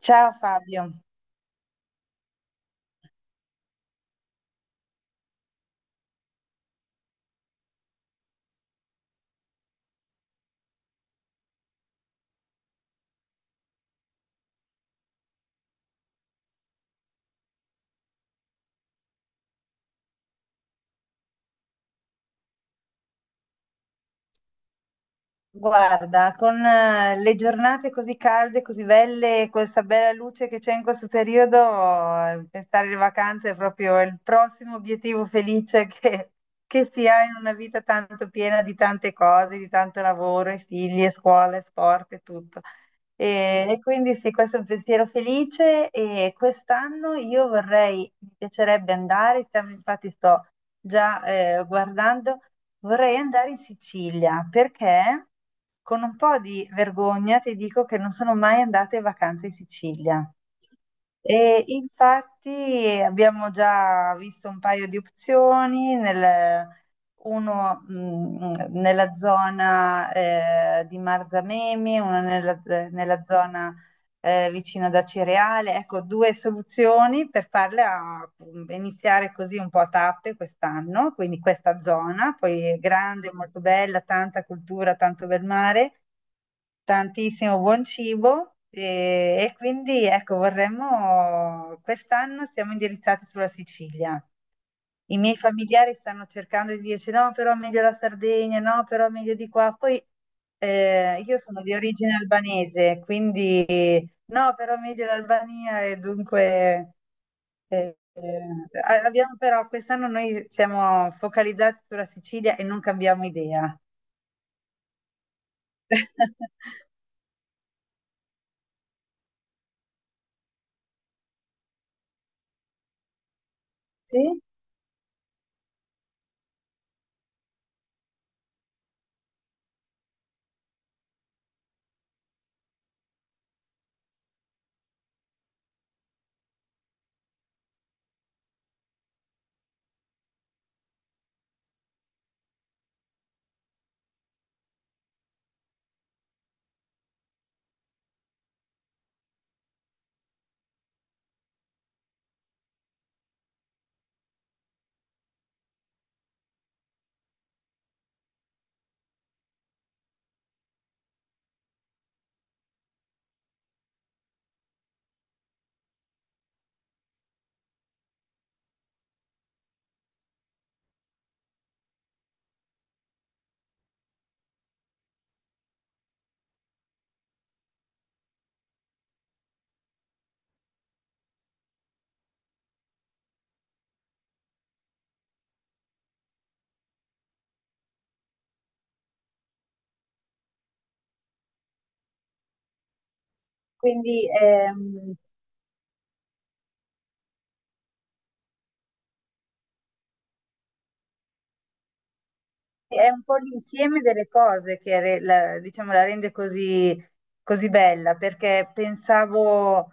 Ciao Fabio, guarda, con le giornate così calde, così belle, e questa bella luce che c'è in questo periodo, pensare alle vacanze è proprio il prossimo obiettivo felice che si ha in una vita tanto piena di tante cose, di tanto lavoro, e figli, e scuola, e sport e tutto. E quindi sì, questo è un pensiero felice e quest'anno io vorrei, mi piacerebbe andare, stiamo- infatti sto già guardando, vorrei andare in Sicilia perché con un po' di vergogna ti dico che non sono mai andata in vacanza in Sicilia. E infatti abbiamo già visto un paio di opzioni nel- uno nella zona di Marzamemi, nella zona vicino ad Acireale. Ecco, due soluzioni per farle a- iniziare così un po' a tappe quest'anno, quindi questa zona, poi è grande, molto bella, tanta cultura, tanto bel mare. Tantissimo buon cibo e, quindi ecco, vorremmo, quest'anno siamo indirizzati sulla Sicilia. I miei familiari stanno cercando di dirci no, però meglio la Sardegna, no, però meglio di qua. Poi io sono di origine albanese, quindi no, però meglio l'Albania e dunque a- abbiamo però quest'anno noi siamo focalizzati sulla Sicilia e non cambiamo idea. Sì? Quindi è un po' l'insieme delle cose che re- la, diciamo, la rende così, così bella, perché pensavo,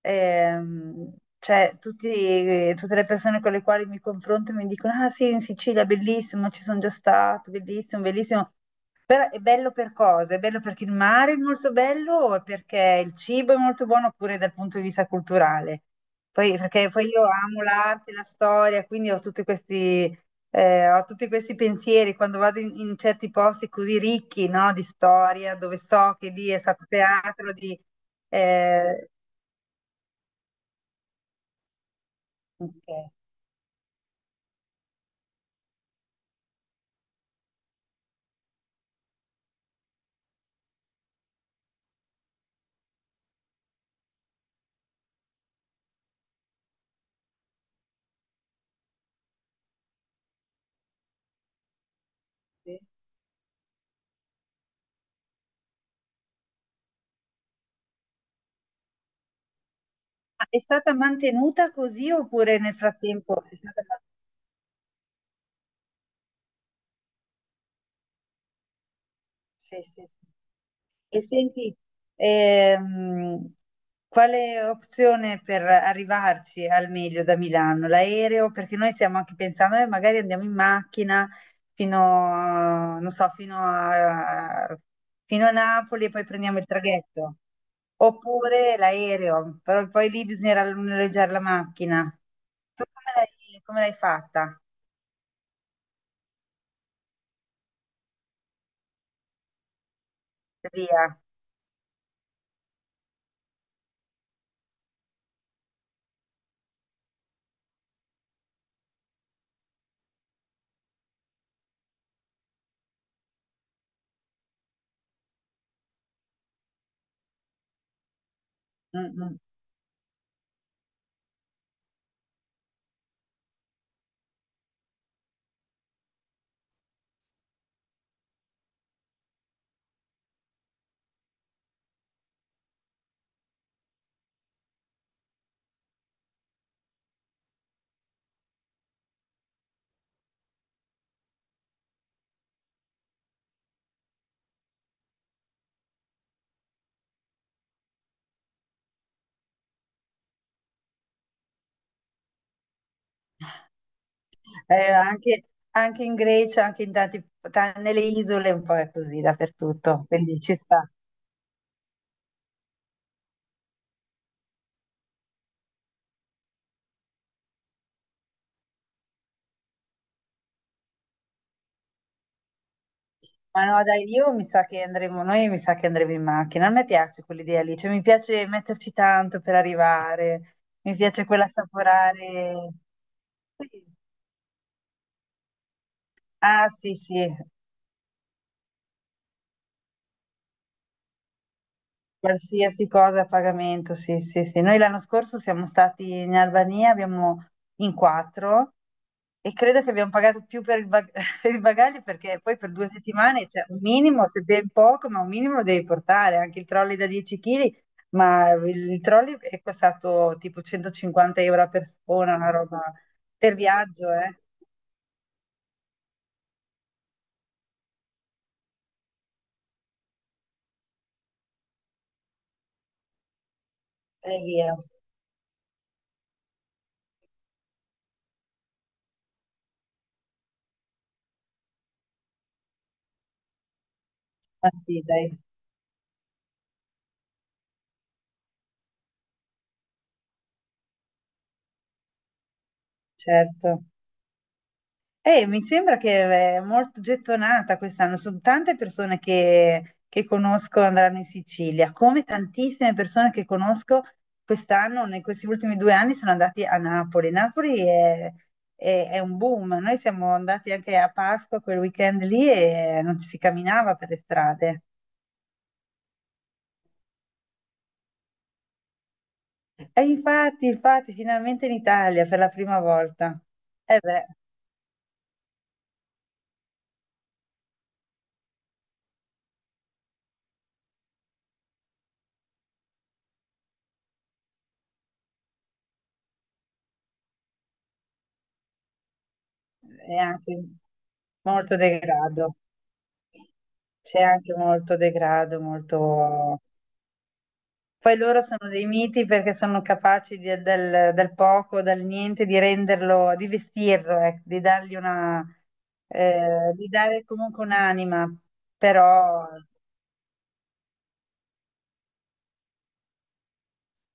cioè, tutti- tutte le persone con le quali mi confronto mi dicono, ah sì, in Sicilia, bellissimo, ci sono già stato, bellissimo, bellissimo. Però è bello per cosa? È bello perché il mare è molto bello o perché il cibo è molto buono oppure dal punto di vista culturale? Poi, perché poi io amo l'arte, la storia, quindi ho tutti questi pensieri quando vado in, in certi posti così ricchi, no, di storia, dove so che lì è stato teatro di... eh, ok, sì. Ma è stata mantenuta così oppure nel frattempo è stata... Sì, sì, sì. E senti, ehm, quale opzione per arrivarci al meglio da Milano? L'aereo? Perché noi stiamo anche pensando, magari andiamo in macchina fino, non so, fino a, fino a Napoli e poi prendiamo il traghetto. Oppure l'aereo, però poi lì bisognerà noleggiare la macchina. Tu come l'hai fatta? Via. Mm, mm. Eh, anche, anche in Grecia, anche in tanti, ta- nelle isole, un po' è così dappertutto, quindi ci sta. Ma no, dai, io mi sa che andremo, noi mi sa che andremo in macchina. A me piace quell'idea lì, cioè mi piace metterci tanto per arrivare, mi piace quella assaporare. Sì. Ah, sì, sì, qualsiasi cosa a pagamento, sì, sì, sì. Noi l'anno scorso siamo stati in Albania, abbiamo in quattro. E credo che abbiamo pagato più per il, bag- per il bagaglio perché poi per 2 settimane, cioè un minimo, se ben poco, ma un minimo lo devi portare, anche il trolley da 10 kg, ma il trolley è costato tipo 150 euro a persona, una roba per viaggio, eh? E via. Ma sì, dai, certo. Mi sembra che è molto gettonata quest'anno, sono tante persone che conosco andranno in Sicilia, come tantissime persone che conosco quest'anno, in questi ultimi 2 anni sono andati a Napoli. Napoli è un boom, noi siamo andati anche a Pasqua quel weekend lì e non ci si camminava per le strade. E infatti, infatti, finalmente in Italia per la prima volta. E beh, è anche molto degrado, c'è anche molto degrado, molto... Poi loro sono dei miti perché sono capaci di- del, del poco, dal niente, di renderlo, di vestirlo, ecco, di dargli una, di dare comunque un'anima, però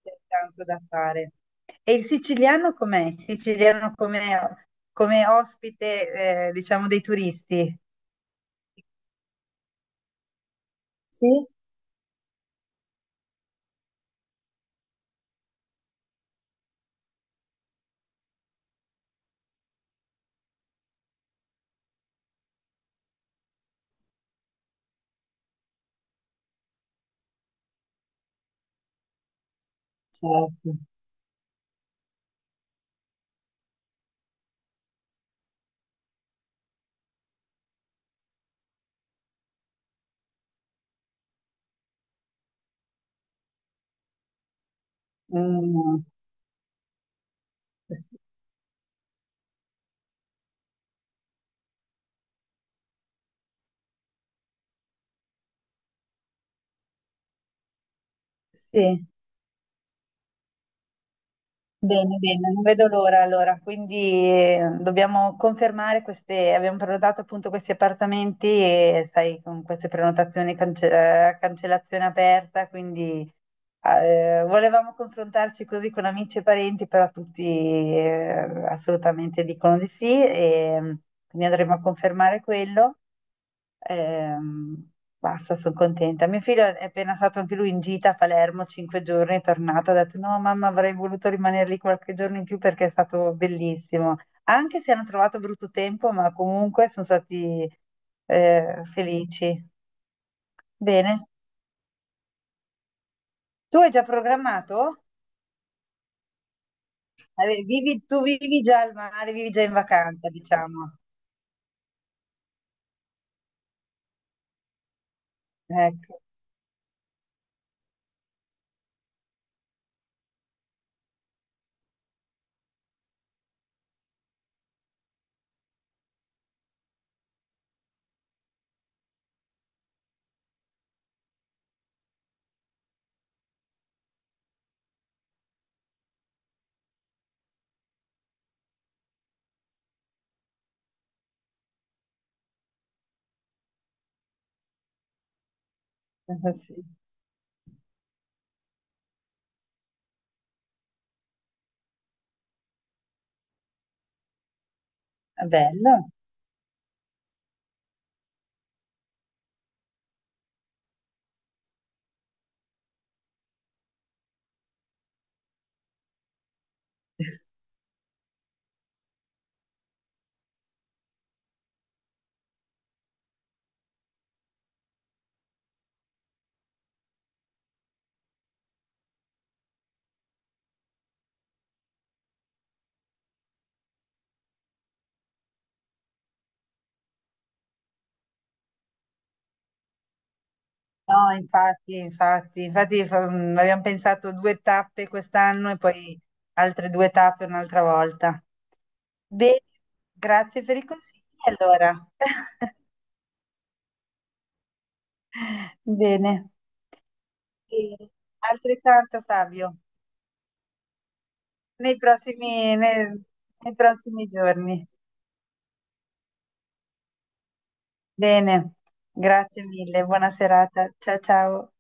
c'è tanto da fare. E il siciliano com'è? Il siciliano come, come ospite, diciamo, dei turisti? Sì, certo. Mm, s- sì. Bene, bene, non vedo l'ora allora, quindi dobbiamo confermare queste, abbiamo prenotato appunto questi appartamenti e sai, con queste prenotazioni cance- cancellazione aperta, quindi ah, volevamo confrontarci così con amici e parenti, però tutti assolutamente dicono di sì e mm, quindi andremo a confermare quello. Ehm, basta, sono contenta. Mio figlio è appena stato anche lui in gita a Palermo, 5 giorni, è tornato, ha detto no mamma avrei voluto rimanere lì qualche giorno in più perché è stato bellissimo. Anche se hanno trovato brutto tempo, ma comunque sono stati felici. Bene. Tu hai già programmato? Vivi- tu vivi già al mare, vivi già in vacanza, diciamo. Ecco, questo sì. Bello. No, infatti, infatti, infatti fa- abbiamo pensato 2 tappe quest'anno e poi altre 2 tappe un'altra volta. Bene, grazie per i consigli allora. Bene, e altrettanto Fabio, nei nei prossimi giorni. Bene, grazie mille, buona serata, ciao ciao.